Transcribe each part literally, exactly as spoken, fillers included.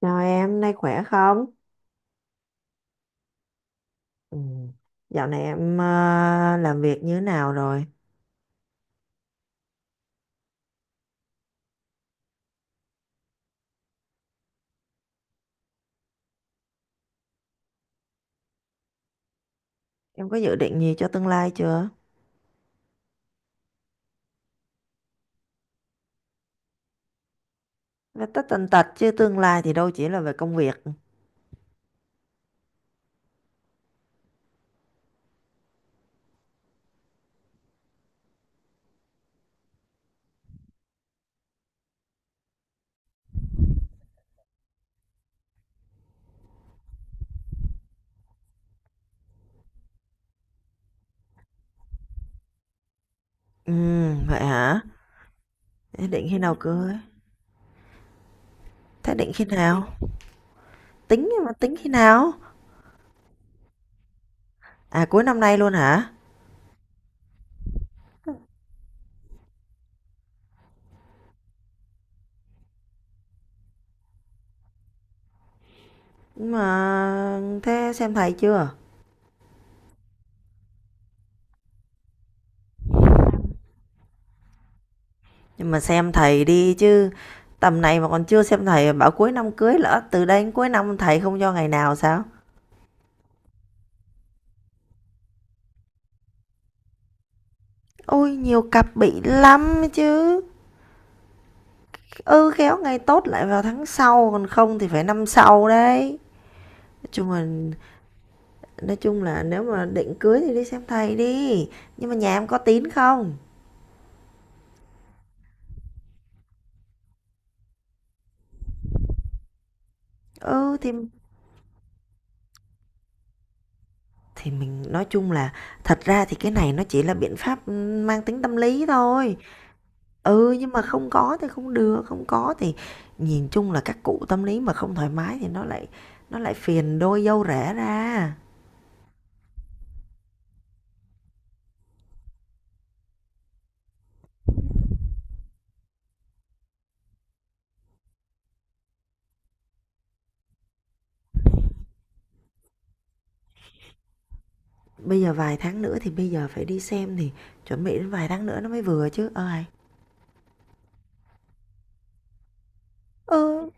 Chào em, hôm nay khỏe không? Ừ. Dạo này em ờ, làm việc như thế nào rồi? Em có dự định gì cho tương lai chưa? Là tất tần tật chứ tương lai thì đâu chỉ là về công việc. Ừ, vậy hả? Thế định khi nào cưới? Thế định khi nào? Tính mà tính khi nào? À cuối năm nay luôn hả? Nhưng mà thế xem thầy chưa? Nhưng mà xem thầy đi chứ, tầm này mà còn chưa xem thầy, bảo cuối năm cưới, lỡ từ đây đến cuối năm thầy không cho ngày nào sao? Ôi nhiều cặp bị lắm chứ. Ừ, khéo ngày tốt lại vào tháng sau, còn không thì phải năm sau đấy. Nói chung là nói chung là nếu mà định cưới thì đi xem thầy đi, nhưng mà nhà em có tín không? Ừ, thì thì mình nói chung là thật ra thì cái này nó chỉ là biện pháp, ừ, mang tính tâm lý thôi. Ừ, nhưng mà không có thì không được, không có thì nhìn chung là các cụ tâm lý mà không thoải mái thì nó lại nó lại phiền đôi dâu rẻ ra. Bây giờ vài tháng nữa thì bây giờ phải đi xem thì chuẩn bị đến vài tháng nữa nó mới vừa chứ. Ờ, Hầy. Ừ,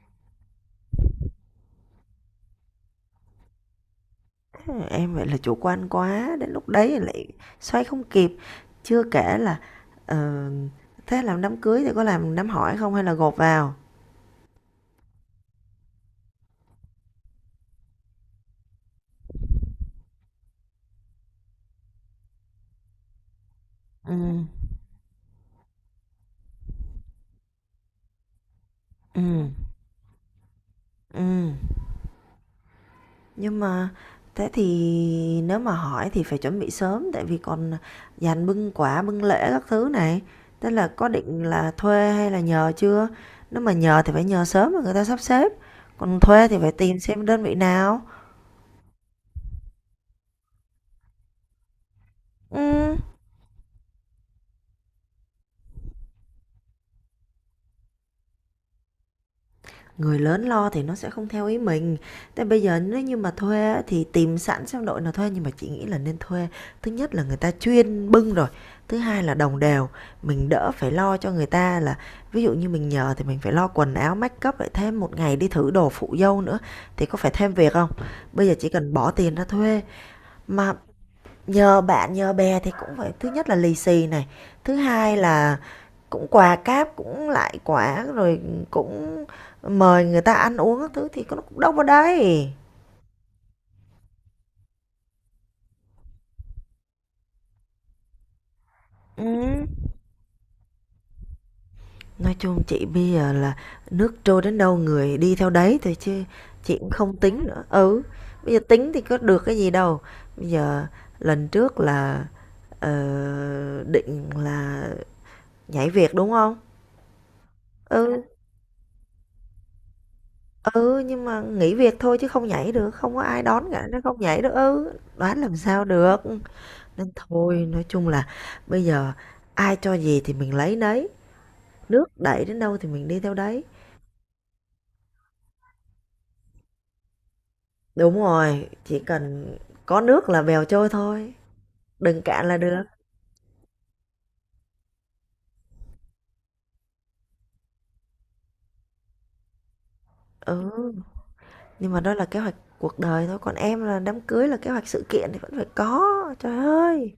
em vậy là chủ quan quá, đến lúc đấy lại xoay không kịp. Chưa kể là, ờ, thế làm đám cưới thì có làm đám hỏi không hay là gộp vào? Ừm, ừm, ừm. Nhưng mà thế thì nếu mà hỏi thì phải chuẩn bị sớm tại vì còn dàn bưng quả, bưng lễ các thứ này. Thế là có định là thuê hay là nhờ chưa? Nếu mà nhờ thì phải nhờ sớm mà người ta sắp xếp. Còn thuê thì phải tìm xem đơn vị nào. Ừ. Người lớn lo thì nó sẽ không theo ý mình. Thế bây giờ nếu như mà thuê thì tìm sẵn xem đội nào thuê, nhưng mà chị nghĩ là nên thuê. Thứ nhất là người ta chuyên bưng rồi, thứ hai là đồng đều, mình đỡ phải lo cho người ta. Là ví dụ như mình nhờ thì mình phải lo quần áo, make up, lại thêm một ngày đi thử đồ phụ dâu nữa thì có phải thêm việc không? Bây giờ chỉ cần bỏ tiền ra thuê mà. Nhờ bạn nhờ bè thì cũng phải, thứ nhất là lì xì này, thứ hai là cũng quà cáp, cũng lại quả, rồi cũng mời người ta ăn uống các thứ thì có nó cũng đâu vào đây. Ừm, nói chung chị bây giờ là nước trôi đến đâu người đi theo đấy thôi, chứ chị cũng không tính nữa. Ừ, bây giờ tính thì có được cái gì đâu. Bây giờ lần trước là, ờ, định là nhảy việc, đúng không? Ừ, Ừ, nhưng mà nghỉ việc thôi chứ không nhảy được, không có ai đón cả, nó không nhảy được. Ừ, đoán làm sao được. Nên thôi, nói chung là bây giờ ai cho gì thì mình lấy nấy, nước đẩy đến đâu thì mình đi theo đấy. Đúng rồi, chỉ cần có nước là bèo trôi thôi, đừng cạn là được. Ừ, nhưng mà đó là kế hoạch cuộc đời thôi, còn em là đám cưới là kế hoạch sự kiện thì vẫn phải có. Trời ơi.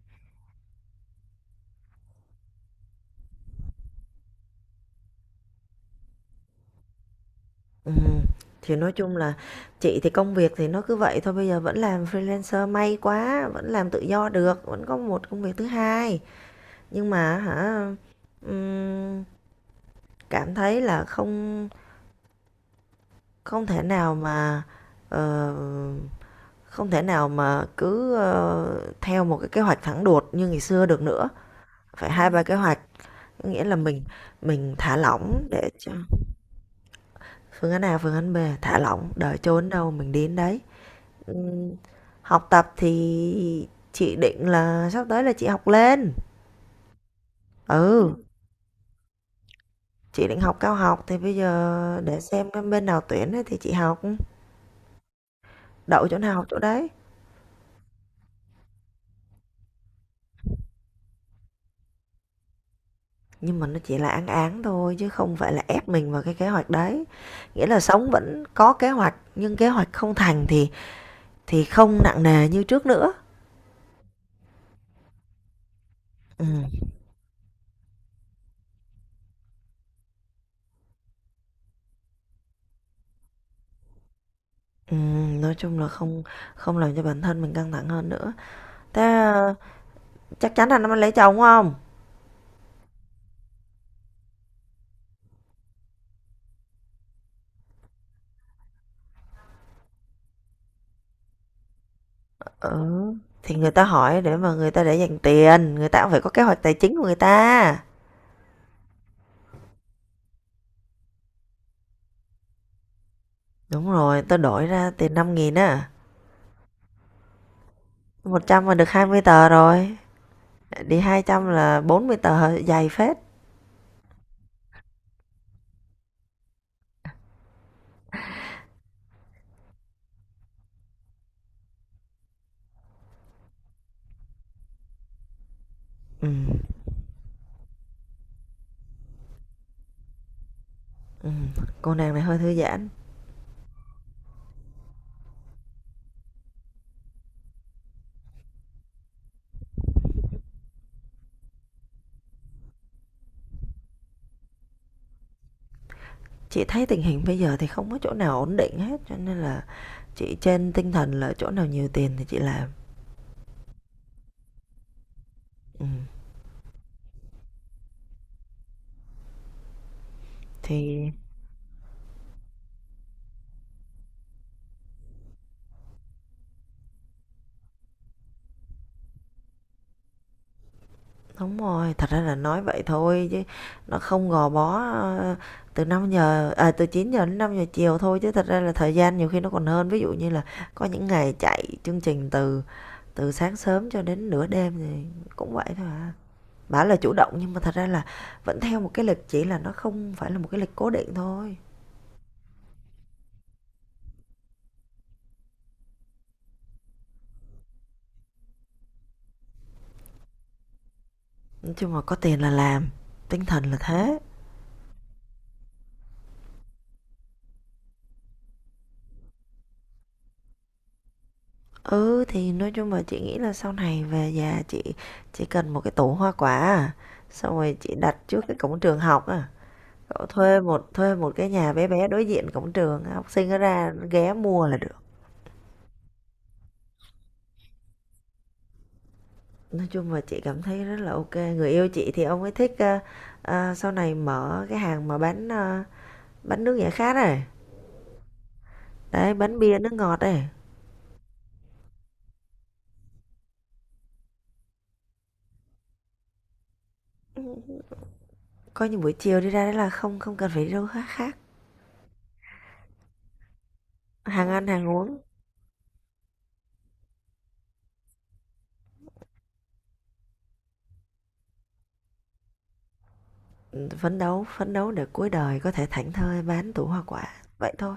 Ừm, thì nói chung là chị thì công việc thì nó cứ vậy thôi, bây giờ vẫn làm freelancer may quá, vẫn làm tự do được, vẫn có một công việc thứ hai. Nhưng mà hả, ừm, cảm thấy là không không thể nào mà ờ, không thể nào mà cứ ờ, theo một cái kế hoạch thẳng đuột như ngày xưa được nữa. Phải hai ba kế hoạch, nghĩa là mình mình thả lỏng để cho. Phương án A, phương án B, thả lỏng, đời trốn đâu mình đến đấy. Ừm, Học tập thì chị định là sắp tới là chị học lên. Ừ, Ừ. Chị định học cao học thì bây giờ để xem cái bên nào tuyển ấy thì chị học, đậu chỗ nào học chỗ đấy. Nhưng mà nó chỉ là án án thôi chứ không phải là ép mình vào cái kế hoạch đấy. Nghĩa là sống vẫn có kế hoạch nhưng kế hoạch không thành thì thì không nặng nề như trước nữa. Ừ. Ừ, nói chung là không không làm cho bản thân mình căng thẳng hơn nữa. Thế chắc chắn anh nó mới lấy chồng không? Ừ, thì người ta hỏi để mà người ta để dành tiền, người ta cũng phải có kế hoạch tài chính của người ta. Đúng rồi, tôi đổi ra tiền năm nghìn á. Một trăm mà được hai mươi tờ rồi. Đi hai trăm là bốn mươi tờ, dày phết. Ừ. Ừ, cô nàng này hơi thư giãn. Chị thấy tình hình bây giờ thì không có chỗ nào ổn định hết, cho nên là chị trên tinh thần là chỗ nào nhiều tiền thì chị làm. Ừ. Thì đúng rồi, thật ra là nói vậy thôi chứ nó không gò bó, ơ, từ năm giờ à, từ chín giờ đến năm giờ chiều thôi, chứ thật ra là thời gian nhiều khi nó còn hơn. Ví dụ như là có những ngày chạy chương trình từ từ sáng sớm cho đến nửa đêm thì cũng vậy thôi à. Bảo là chủ động nhưng mà thật ra là vẫn theo một cái lịch, chỉ là nó không phải là một cái lịch cố định thôi. Nói chung là có tiền là làm, tinh thần là thế. Ừ, thì nói chung là chị nghĩ là sau này về nhà chị chỉ cần một cái tủ hoa quả à, xong rồi chị đặt trước cái cổng trường học à. Cậu thuê một thuê một cái nhà bé bé đối diện cổng trường, học sinh nó ra ghé mua là được. Nói chung là chị cảm thấy rất là ok. Người yêu chị thì ông ấy thích ờ, ờ, sau này mở cái hàng mà bán ờ, bánh nước giải khát này. Đấy, bánh bia nước ngọt này. Coi như buổi chiều đi ra đấy là không không cần phải đi đâu khác khác. Hàng ăn hàng uống phấn đấu phấn đấu để cuối đời có thể thảnh thơi bán tủ hoa quả vậy thôi.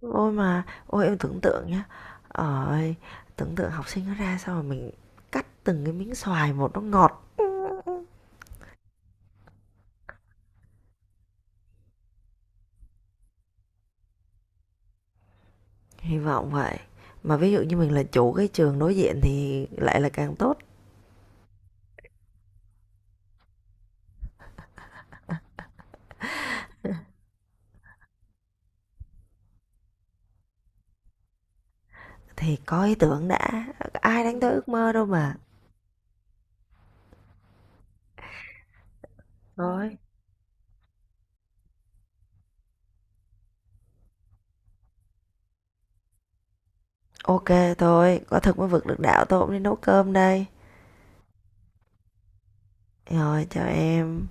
Ôi mà ôi em tưởng tượng nhá. Ơi, tưởng tượng học sinh nó ra sao mà mình cắt từng cái miếng xoài một, nó ngọt. Hy vọng vậy. Mà ví dụ như mình là chủ cái trường đối diện thì lại là càng tốt. Thì có ý tưởng đã, ai đánh tới ước mơ đâu mà. Thôi, ok. Thôi, có thực mới vực được đạo, tôi cũng đi nấu cơm đây. Rồi, chào em.